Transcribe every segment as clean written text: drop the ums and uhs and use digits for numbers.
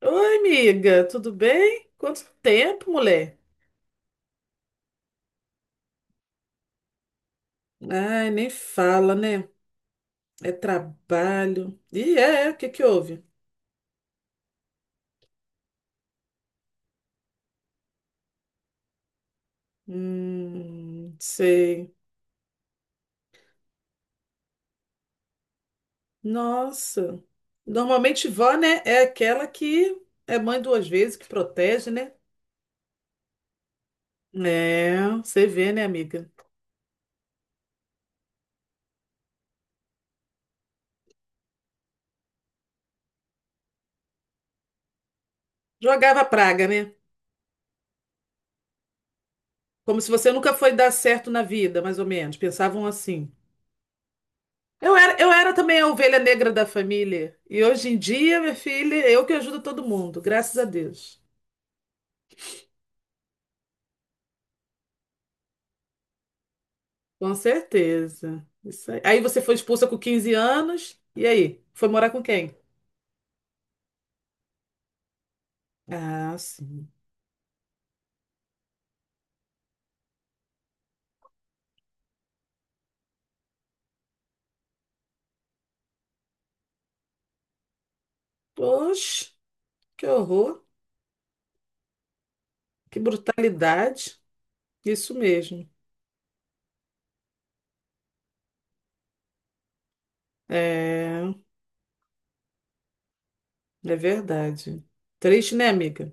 Oi, amiga, tudo bem? Quanto tempo, mulher? Ai, nem fala, né? É trabalho. E é, o que que houve? Sei. Nossa. Normalmente vó, né, é aquela que é mãe duas vezes, que protege, né? É, você vê, né, amiga? Jogava praga, né? Como se você nunca foi dar certo na vida, mais ou menos. Pensavam assim. Eu era também a ovelha negra da família. E hoje em dia, minha filha, eu que ajudo todo mundo, graças a Deus. Com certeza. Isso aí. Aí você foi expulsa com 15 anos, e aí? Foi morar com quem? Ah, sim. Poxa, que horror, que brutalidade. Isso mesmo. É, é verdade. Triste, né, amiga?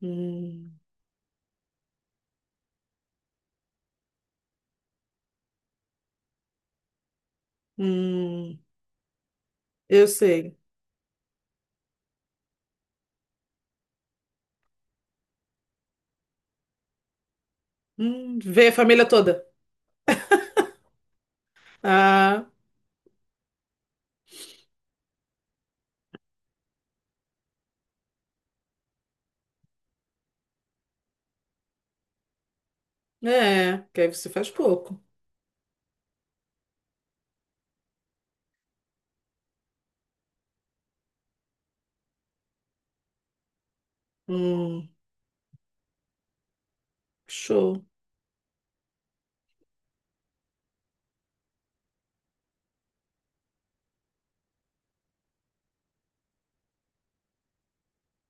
Hum, hum, eu sei. Vê a família toda. Ah, é, que aí você faz pouco. Hum. Show.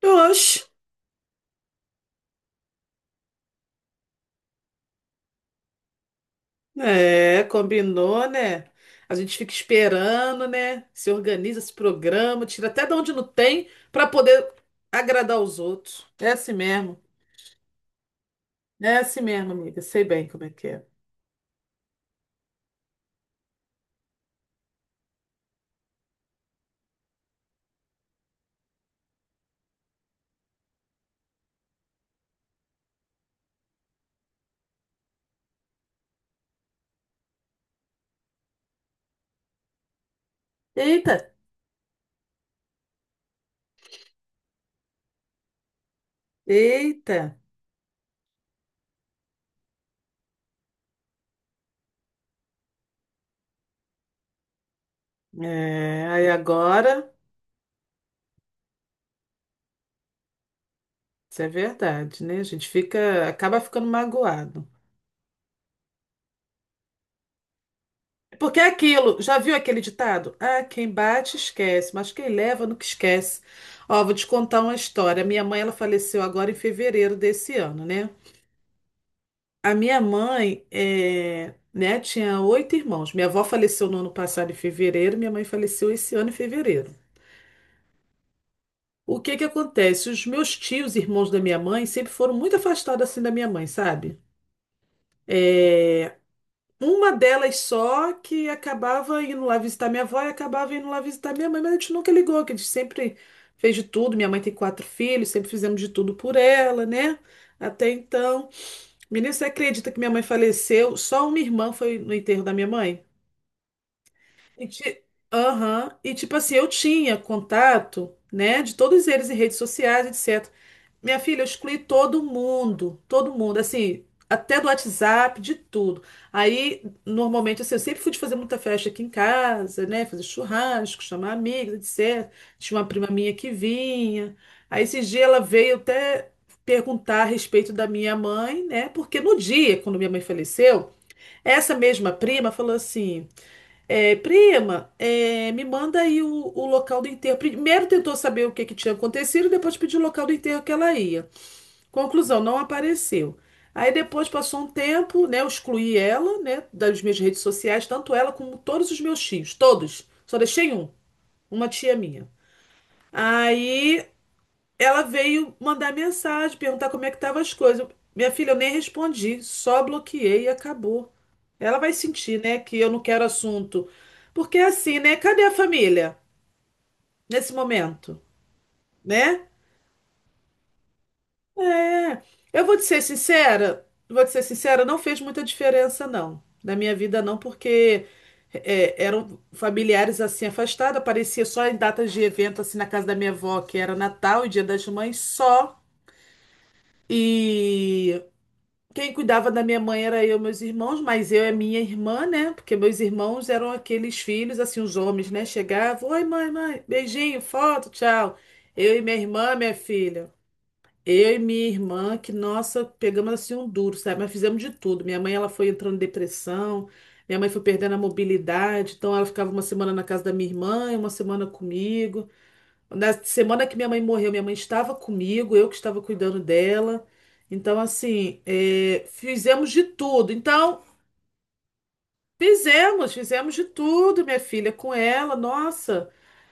Oxe, é, combinou, né? A gente fica esperando, né? Se organiza, se programa, tira até de onde não tem para poder agradar os outros. É assim mesmo. É assim mesmo, amiga. Sei bem como é que é. Eita, eita. É, aí agora, isso é verdade, né? A gente fica, acaba ficando magoado. Porque é aquilo, já viu aquele ditado? Ah, quem bate esquece, mas quem leva nunca esquece. Ó, vou te contar uma história. Minha mãe, ela faleceu agora em fevereiro desse ano, né? A minha mãe, é, né, tinha oito irmãos. Minha avó faleceu no ano passado em fevereiro, minha mãe faleceu esse ano em fevereiro. O que que acontece? Os meus tios, irmãos da minha mãe, sempre foram muito afastados assim da minha mãe, sabe? Eh, Uma delas só que acabava indo lá visitar minha avó e acabava indo lá visitar minha mãe, mas a gente nunca ligou, que a gente sempre fez de tudo. Minha mãe tem quatro filhos, sempre fizemos de tudo por ela, né? Até então. Menino, você acredita que minha mãe faleceu? Só uma irmã foi no enterro da minha mãe? E, ti- Aham. E tipo assim, eu tinha contato, né, de todos eles em redes sociais, etc. Minha filha, eu excluí todo mundo, assim, até do WhatsApp, de tudo. Aí, normalmente, assim, eu sempre fui de fazer muita festa aqui em casa, né? Fazer churrasco, chamar amigos, etc. Tinha uma prima minha que vinha. Aí, esse dia, ela veio até perguntar a respeito da minha mãe, né? Porque no dia, quando minha mãe faleceu, essa mesma prima falou assim: é, prima, é, me manda aí o local do enterro. Primeiro tentou saber o que que tinha acontecido, depois pediu o local do enterro que ela ia. Conclusão, não apareceu. Aí depois passou um tempo, né? Eu excluí ela, né, das minhas redes sociais, tanto ela como todos os meus tios, todos. Só deixei um, uma tia minha. Aí ela veio mandar mensagem, perguntar como é que estavam as coisas. Minha filha, eu nem respondi, só bloqueei e acabou. Ela vai sentir, né, que eu não quero assunto. Porque é assim, né? Cadê a família nesse momento, né? É, eu vou te ser sincera, vou te ser sincera, não fez muita diferença, não. Na minha vida, não, porque é, eram familiares assim afastados, aparecia só em datas de evento, assim, na casa da minha avó, que era Natal e Dia das Mães só. E quem cuidava da minha mãe era eu, e meus irmãos, mas eu e minha irmã, né? Porque meus irmãos eram aqueles filhos, assim, os homens, né? Chegavam, oi, mãe, mãe, beijinho, foto, tchau. Eu e minha irmã, minha filha. Eu e minha irmã, que nossa, pegamos assim um duro, sabe? Mas fizemos de tudo. Minha mãe, ela foi entrando em depressão, minha mãe foi perdendo a mobilidade, então ela ficava uma semana na casa da minha irmã e uma semana comigo. Na semana que minha mãe morreu, minha mãe estava comigo, eu que estava cuidando dela. Então, assim, é, fizemos de tudo. Então, fizemos de tudo, minha filha, com ela, nossa.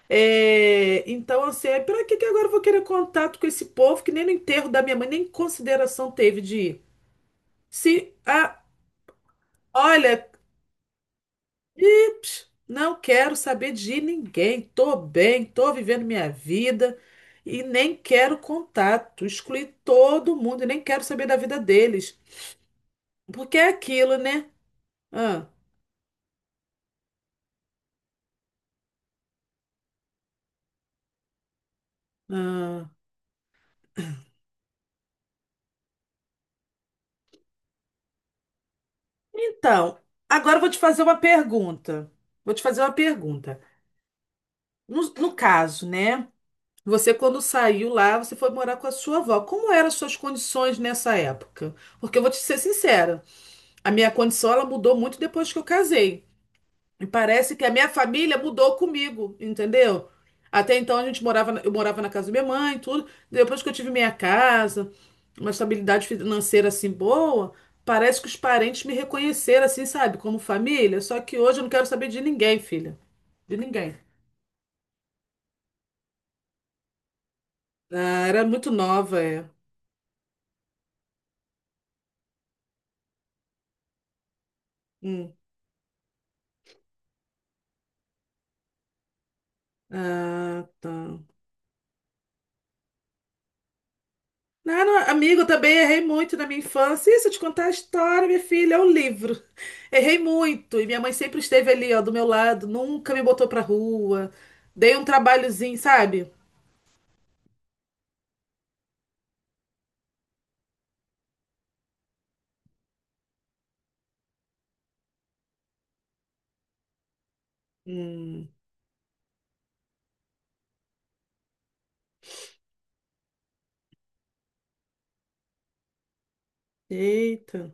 É, então, assim, é, pra que que agora eu vou querer contato com esse povo que nem no enterro da minha mãe, nem consideração teve de ir? Se, ah, olha, pips, não quero saber de ninguém, tô bem, tô vivendo minha vida e nem quero contato, excluí todo mundo e nem quero saber da vida deles, porque é aquilo, né? Ah, ah. Então, agora eu vou te fazer uma pergunta, vou te fazer uma pergunta. No caso, né? Você, quando saiu lá, você foi morar com a sua avó. Como eram as suas condições nessa época? Porque eu vou te ser sincera, a minha condição ela mudou muito depois que eu casei. E parece que a minha família mudou comigo, entendeu? Até então a gente morava, eu morava na casa da minha mãe, e tudo. Depois que eu tive minha casa, uma estabilidade financeira assim boa, parece que os parentes me reconheceram assim, sabe, como família. Só que hoje eu não quero saber de ninguém, filha, de ninguém. Ah, era muito nova, é. Hum. Ah, tá. Não, não, amigo, eu também errei muito na minha infância. Isso, eu te contar a história, minha filha, é o livro. Errei muito. E minha mãe sempre esteve ali, ó, do meu lado, nunca me botou pra rua. Dei um trabalhozinho, sabe? Hum, eita,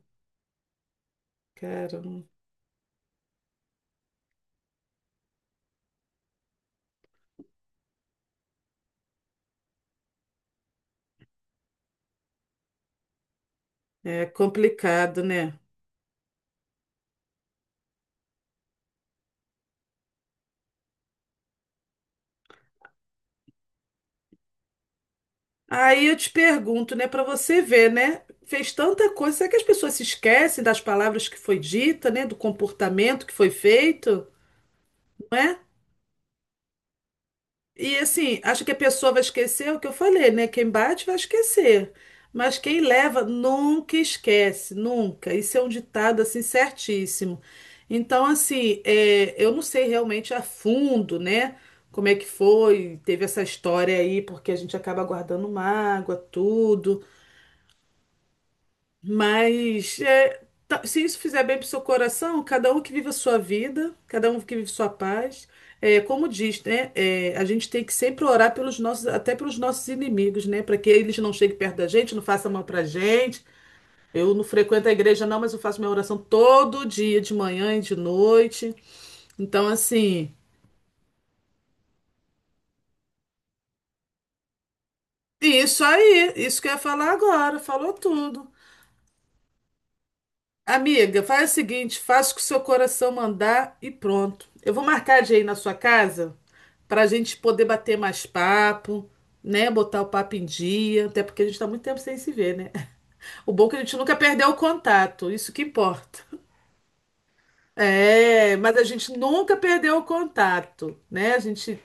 caramba. É complicado, né? Aí eu te pergunto, né, pra você ver, né? Fez tanta coisa, será que as pessoas se esquecem das palavras que foi dita, né, do comportamento que foi feito? E assim, acho que a pessoa vai esquecer o que eu falei, né? Quem bate vai esquecer. Mas quem leva nunca esquece, nunca. Isso é um ditado assim certíssimo. Então, assim, é, eu não sei realmente a fundo, né? Como é que foi, teve essa história aí, porque a gente acaba guardando mágoa, tudo. Mas é, se isso fizer bem para o seu coração, cada um que vive a sua vida, cada um que vive sua paz. É, como diz, né? É, a gente tem que sempre orar pelos nossos, até pelos nossos inimigos, né? Para que eles não cheguem perto da gente, não façam mal para gente. Eu não frequento a igreja, não, mas eu faço minha oração todo dia, de manhã e de noite. Então, assim, isso aí, isso que eu ia falar agora, falou tudo. Amiga, faz o seguinte, faça o que o seu coração mandar e pronto. Eu vou marcar de ir na sua casa para a gente poder bater mais papo, né? Botar o papo em dia, até porque a gente está muito tempo sem se ver, né? O bom é que a gente nunca perdeu o contato, isso que importa. É, mas a gente nunca perdeu o contato, né?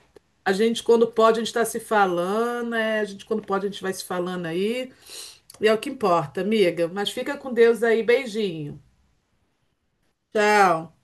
A gente quando pode, a gente está se falando, né? A gente quando pode, a gente vai se falando aí. E é o que importa, amiga. Mas fica com Deus aí, beijinho. Tchau.